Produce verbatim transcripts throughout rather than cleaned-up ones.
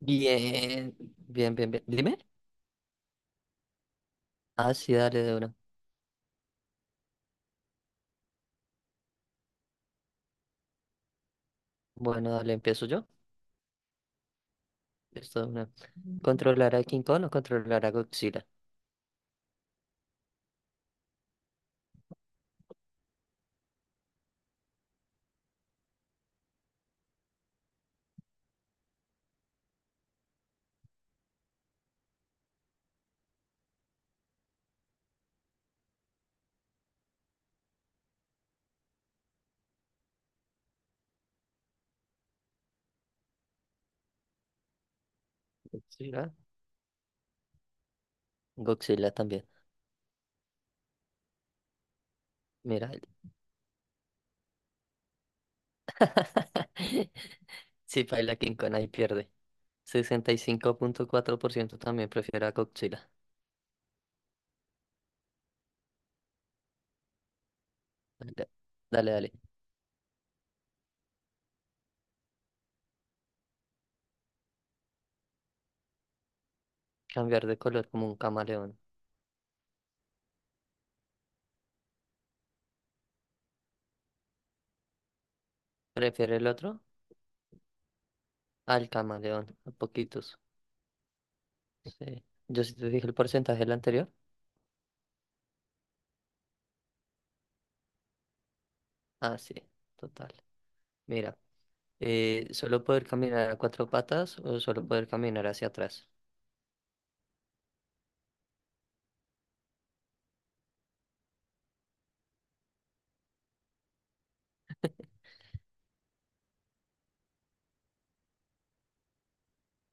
Bien, bien, bien, bien. Dime. Ah, sí, dale de una. Bueno, dale, empiezo yo. Esto de una. ¿Controlar a King Kong o controlar a Godzilla? Godzilla. Godzilla también. Mira. Sí, baila King Kong ahí pierde. sesenta y cinco punto cuatro por ciento también prefiere a Godzilla. Dale, dale, dale. Cambiar de color como un camaleón. ¿Prefiere el otro? Al camaleón. A poquitos. Sí. Yo sí te dije el porcentaje del anterior. Ah, sí. Total. Mira. Eh, solo poder caminar a cuatro patas o solo poder caminar hacia atrás.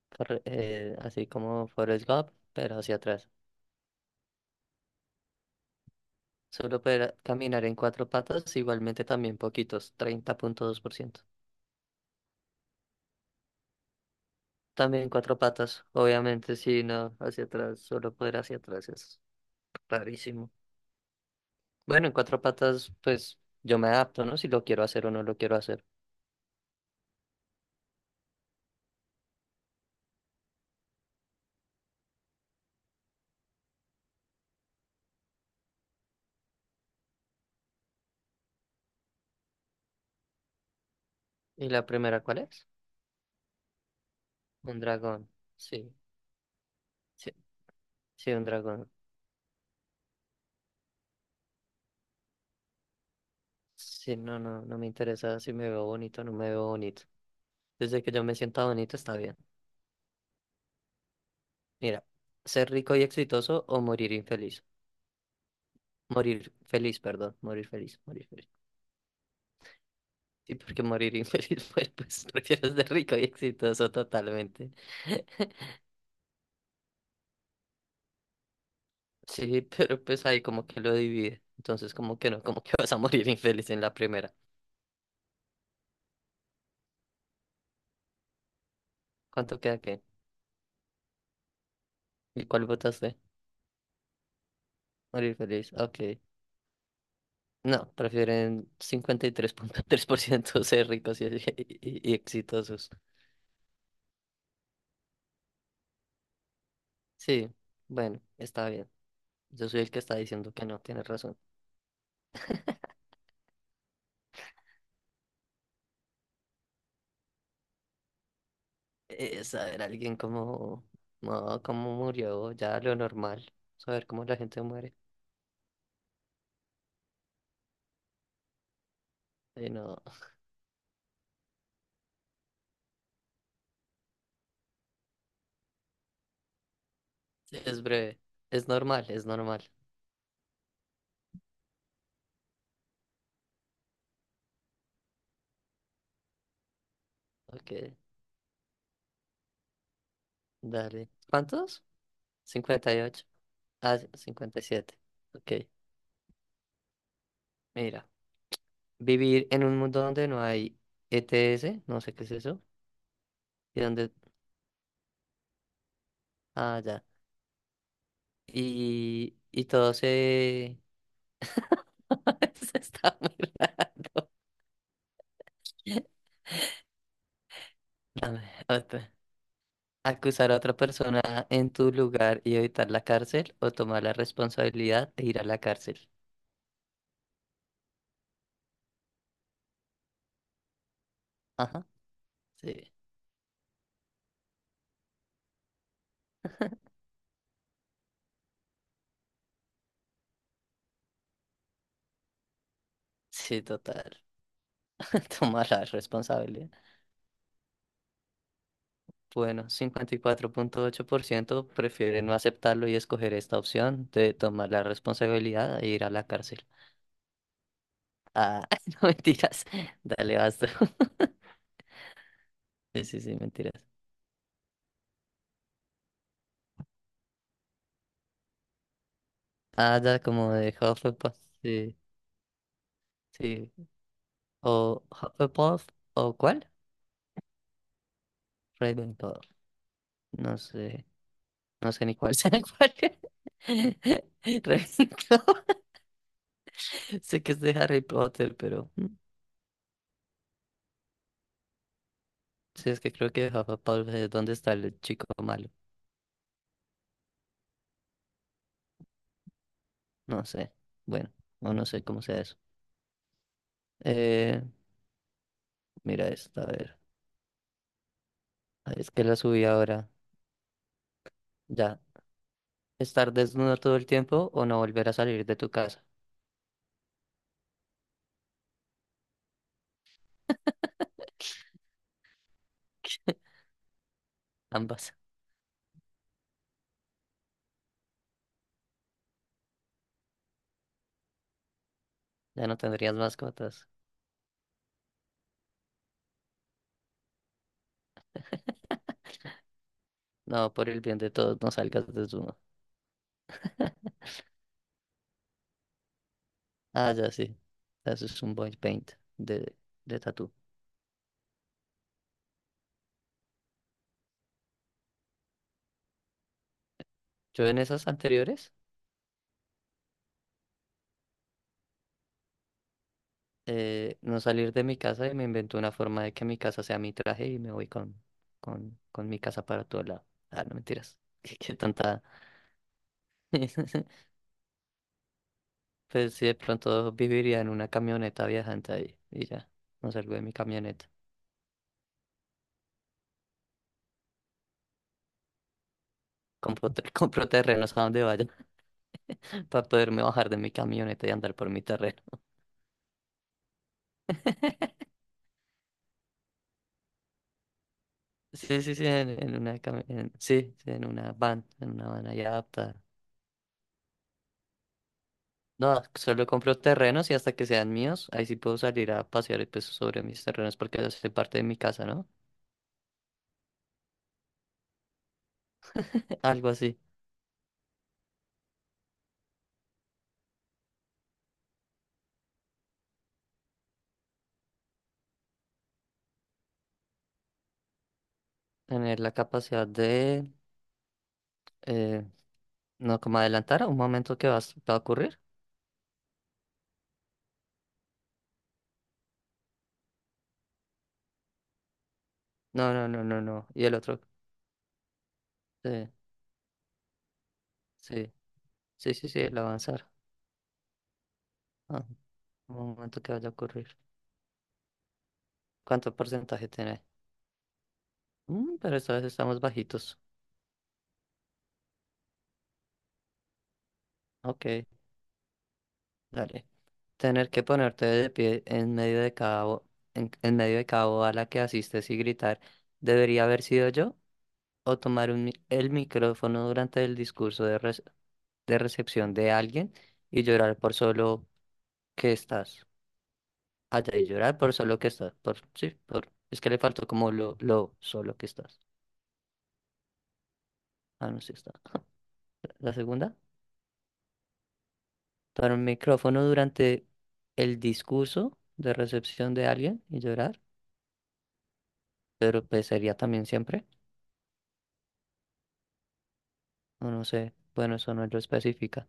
Por- eh, así como Forrest Gump, pero hacia atrás. Solo poder caminar en cuatro patas, igualmente también poquitos, treinta punto dos por ciento. También cuatro patas, obviamente, sí, no, hacia atrás, solo poder hacia atrás es rarísimo. Bueno, en cuatro patas, pues yo me adapto, ¿no? Si lo quiero hacer o no lo quiero hacer. ¿Y la primera cuál es? Un dragón, sí, sí, sí, un dragón. Sí, no, no, no me interesa si me veo bonito o no me veo bonito. Desde que yo me sienta bonito está bien. Mira, ser rico y exitoso o morir infeliz. Morir feliz, perdón. Morir feliz, morir feliz. Sí, porque morir infeliz, pues, pues prefiero ser rico y exitoso totalmente. Sí, pero pues ahí como que lo divide. Entonces, como que no, como que vas a morir infeliz en la primera. ¿Cuánto queda qué? ¿Y cuál votaste? Morir feliz, ok. No, prefieren cincuenta y tres tres punto tres por ciento ser ricos y, y- y exitosos. Sí, bueno, está bien. Yo soy el que está diciendo que no, tienes razón. Eh, saber alguien cómo, no, cómo murió, ya lo normal. Saber cómo la gente muere. Eh, no, sí, es breve. Es normal, es normal. Ok, dale. ¿Cuántos? Cincuenta y ocho. Ah, cincuenta y siete. Ok, mira. Vivir en un mundo donde no hay E t s, no sé qué es eso, y donde... Ah, ya. Y, y todo se... se está mirando. Dame otra. Acusar a otra persona en tu lugar y evitar la cárcel o tomar la responsabilidad de ir a la cárcel. Ajá, sí, sí, total. Tomar la responsabilidad. Bueno, cincuenta y cuatro punto ocho por ciento prefieren no aceptarlo y escoger esta opción de tomar la responsabilidad e ir a la cárcel. Ah, no mentiras. Dale, basta. Sí, sí, sí, mentiras. Ah, ya, como de Hufflepuff, sí, sí. O Hufflepuff, ¿o cuál? Ravenclaw, no sé, no sé ni cuál sea cuál. Ravenclaw, sé que es de Harry Potter, pero mm, sí, es que creo que Hufflepuff es donde está el chico malo, no sé, bueno, o no sé cómo sea eso. Eh, mira esta, a ver. Ay, es que la subí ahora, ya. ¿Estar desnudo todo el tiempo o no volver a salir de tu casa? Ambas, ya no tendrías mascotas. No, por el bien de todos, no salgas desnudo. Ah, ya sí. Eso es un body paint de, de tatú. Yo en esas anteriores, eh, no salir de mi casa y me invento una forma de que mi casa sea mi traje y me voy con, con, con mi casa para todo lado. Ah, no mentiras. Qué, qué tontada. Pues sí, de pronto viviría en una camioneta viajante ahí y ya. No salgo de mi camioneta. Compro, ter- compro terrenos a donde vaya para poderme bajar de mi camioneta y andar por mi terreno. Sí, sí, sí, en, en una, cami- en- sí, sí, en una van, en una van ahí adaptada. No, solo compro terrenos y hasta que sean míos, ahí sí puedo salir a pasear y, pues, sobre mis terrenos porque ya soy parte de mi casa, ¿no? Algo así. Tener la capacidad de, eh, no, como adelantar a un momento que va, a s- va a ocurrir. No, no, no, no, no. Y el otro, sí, sí, sí, sí, sí, el avanzar. Ah, un momento que vaya a ocurrir. ¿Cuánto porcentaje tiene? Mm, pero esta vez estamos bajitos. Ok, dale. Tener que ponerte de pie en medio de cada, bo- en, en medio de cada boda a la que asistes y gritar, ¿debería haber sido yo? O tomar un mi- el micrófono durante el discurso de, rece- de recepción de alguien y llorar por solo que estás. Allá y llorar por solo que estás. Por, sí, por, es que le faltó como lo, lo solo que estás. Ah, no, sí está. La segunda, tomar un micrófono durante el discurso de recepción de alguien y llorar, pero pues sería también siempre. O no sé. Bueno, eso no lo especifica.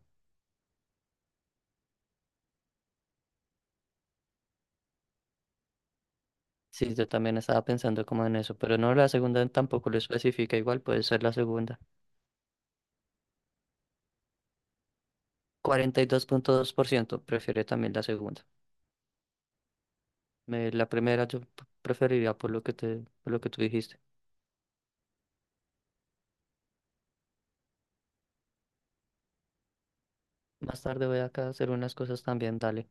Sí, yo también estaba pensando como en eso, pero no, la segunda tampoco lo especifica, igual puede ser la segunda. Cuarenta y dos dos punto dos por ciento prefiere también la segunda. Me- la primera yo p- preferiría por lo que te, por lo que tú dijiste. Más tarde voy acá a hacer unas cosas también, dale.